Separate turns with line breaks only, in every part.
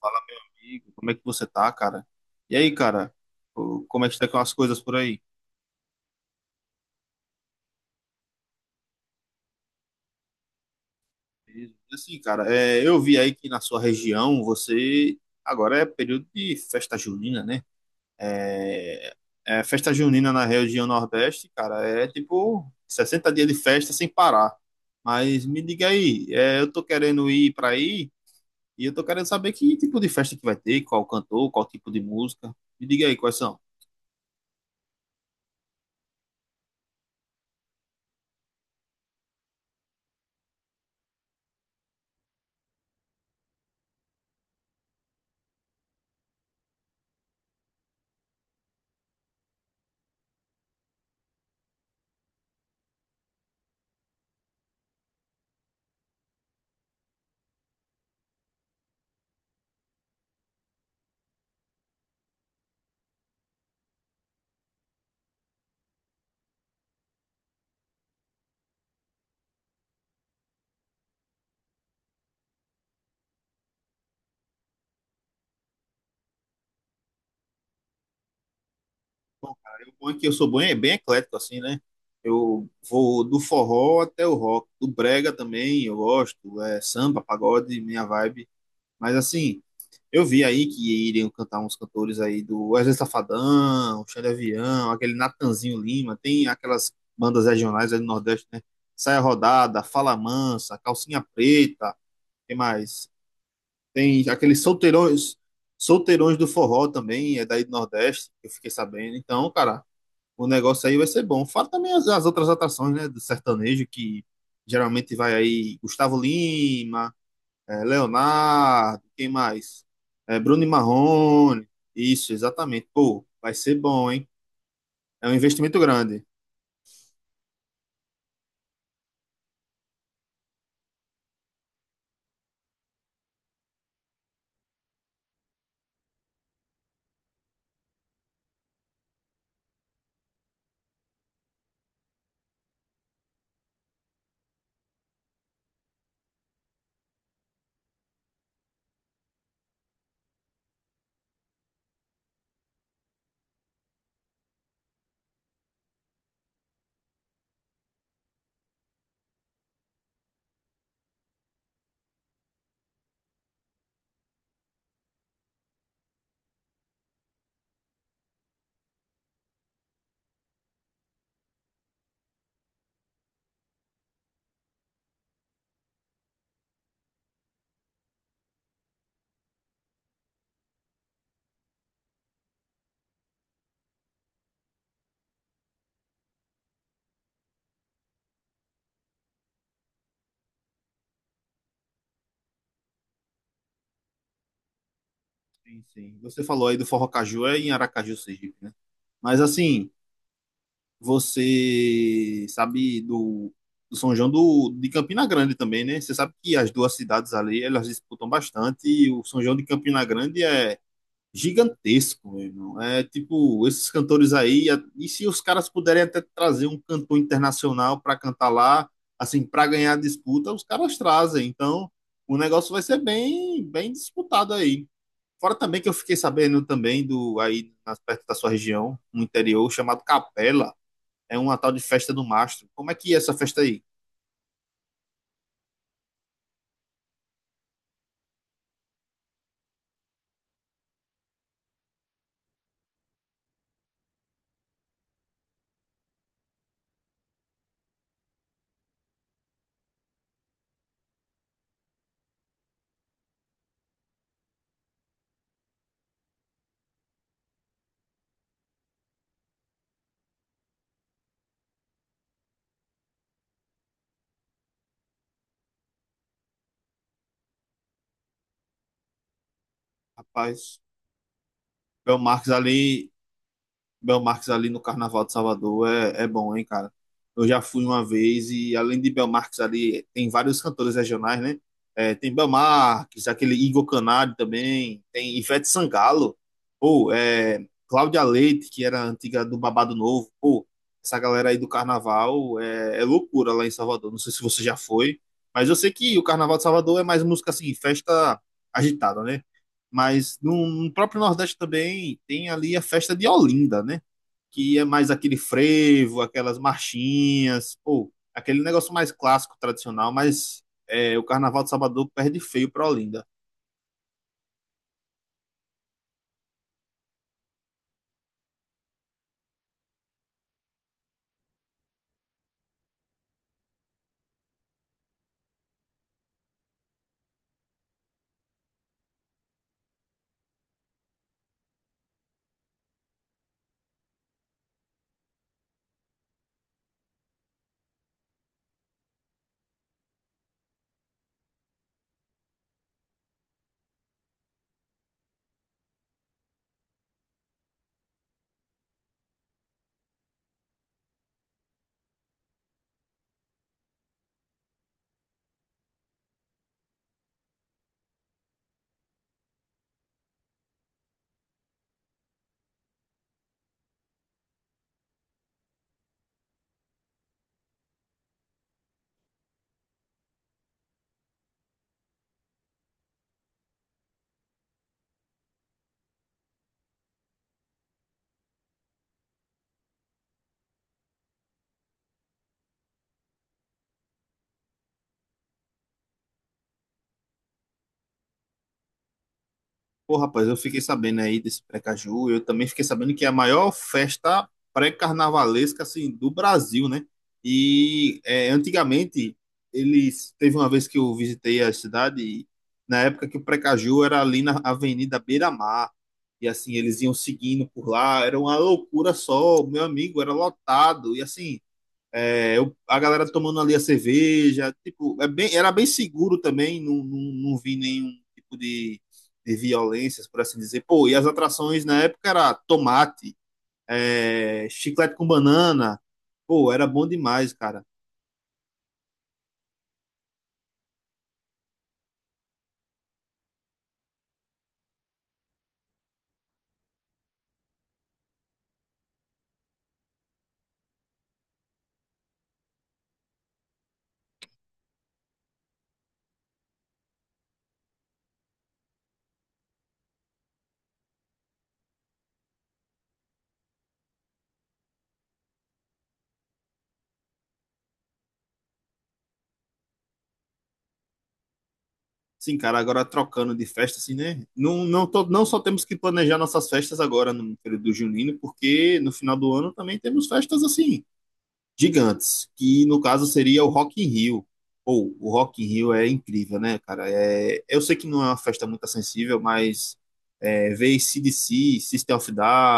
Fala, amigo, como é que você tá, cara? E aí, cara, como é que tá com as coisas por aí? Beleza. Assim, cara, eu vi aí que na sua região você agora é período de festa junina, né? É, festa junina na região Nordeste, cara, é tipo 60 dias de festa sem parar. Mas me diga aí, eu tô querendo ir pra aí e eu tô querendo saber que tipo de festa que vai ter, qual cantor, qual tipo de música. Me diga aí quais são. O bom é que eu sou bem eclético, assim, né? Eu vou do forró até o rock, do brega também, eu gosto, é samba, pagode, minha vibe. Mas assim, eu vi aí que iriam cantar uns cantores aí do Wesley Safadão, Xande Avião, aquele Natanzinho Lima, tem aquelas bandas regionais aí do Nordeste, né? Saia Rodada, Fala Mansa, Calcinha Preta, tem mais? Tem aqueles solteirões, solteirões do forró também, é daí do Nordeste, eu fiquei sabendo. Então, cara, o negócio aí vai ser bom. Fora também as outras atrações, né, do sertanejo, que geralmente vai aí Gustavo Lima, Leonardo, quem mais? É, Bruno e Marrone. Isso, exatamente. Pô, vai ser bom, hein? É um investimento grande. Sim, sim. Você falou aí do Forró Caju, é em Aracaju, Sergipe, né? Mas assim, você sabe do São João do, de Campina Grande também, né? Você sabe que as duas cidades ali, elas disputam bastante e o São João de Campina Grande é gigantesco, meu irmão. É tipo, esses cantores aí, e se os caras puderem até trazer um cantor internacional para cantar lá, assim, para ganhar a disputa, os caras trazem. Então, o negócio vai ser bem disputado aí. Fora também que eu fiquei sabendo também do aí perto da sua região, no interior, chamado Capela, é uma tal de festa do mastro. Como é que é essa festa aí? Rapaz, Bel Marques ali Belmarques ali no Carnaval de Salvador é bom, hein, cara? Eu já fui uma vez e além de Belmarques ali, tem vários cantores regionais, né? É, tem Belmarques, aquele Igor Canário também, tem Ivete Sangalo, pô, Cláudia Leite, que era antiga do Babado Novo, pô, essa galera aí do Carnaval é loucura lá em Salvador. Não sei se você já foi, mas eu sei que o Carnaval de Salvador é mais música assim, festa agitada, né? Mas no próprio Nordeste também tem ali a festa de Olinda, né? Que é mais aquele frevo, aquelas marchinhas, ou aquele negócio mais clássico, tradicional, mas é, o Carnaval de Salvador perde feio para Olinda. Pô, rapaz, eu fiquei sabendo aí desse Precaju. Eu também fiquei sabendo que é a maior festa pré-carnavalesca assim, do Brasil, né? E é, antigamente, eles. Teve uma vez que eu visitei a cidade, e na época que o Precaju era ali na Avenida Beira-Mar. E assim, eles iam seguindo por lá. Era uma loucura só. Meu amigo, era lotado. E assim. É, a galera tomando ali a cerveja, tipo, é era bem seguro também, não vi nenhum tipo de violências, por assim dizer. Pô, e as atrações na época era tomate, chiclete com banana, pô, era bom demais, cara. Sim, cara, agora trocando de festa, assim, né? Não só temos que planejar nossas festas agora no período do junino, porque no final do ano também temos festas assim gigantes, que no caso seria o Rock in Rio. Ou, o Rock in Rio é incrível, né, cara? É, eu sei que não é uma festa muito acessível, mas é, ver AC/DC, System of a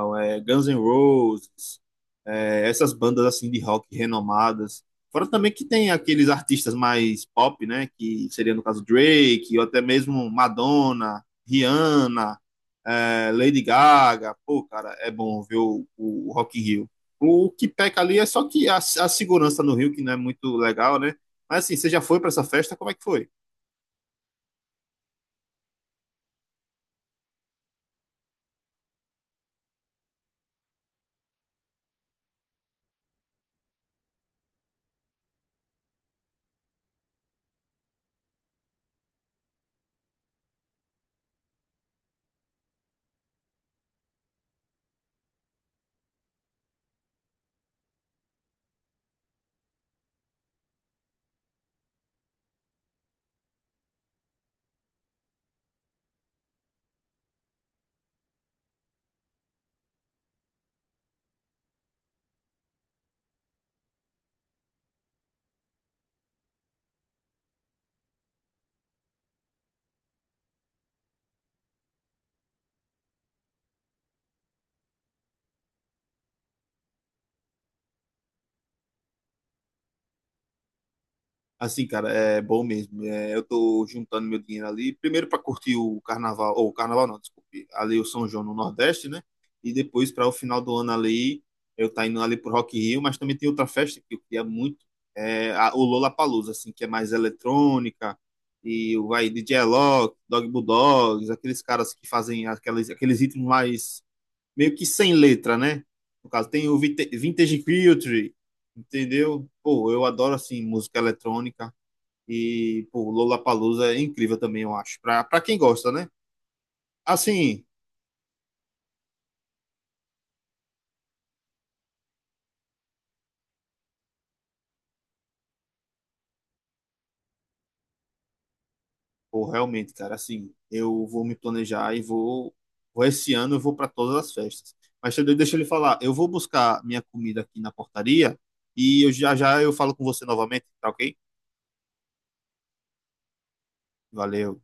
Down, Guns N' Roses, essas bandas assim de rock renomadas. Fora também que tem aqueles artistas mais pop, né, que seria no caso Drake, ou até mesmo Madonna, Rihanna, Lady Gaga. Pô, cara, é bom ver o Rock in Rio. O que peca ali é só que a segurança no Rio, que não é muito legal, né? Mas assim, você já foi para essa festa? Como é que foi? Assim, cara, é bom mesmo. É, eu tô juntando meu dinheiro ali, primeiro para curtir o carnaval, ou o carnaval não, desculpe, ali o São João no Nordeste, né? E depois para o final do ano ali, eu tá indo ali pro Rock in Rio, mas também tem outra festa que eu queria muito, é o Lollapalooza, assim, que é mais eletrônica, e vai DJ Alok, Dog Bulldogs, aqueles caras que fazem aqueles ritmos mais meio que sem letra, né? No caso, tem o Vintage Culture, entendeu? Pô, eu adoro, assim, música eletrônica. E, pô, Lollapalooza é incrível também, eu acho. Pra quem gosta, né? Assim, pô, realmente, cara, assim, eu vou me planejar e vou... vou esse ano, eu vou para todas as festas. Mas Xandão, deixa ele falar. Eu vou buscar minha comida aqui na portaria e eu já já eu falo com você novamente, tá ok? Valeu.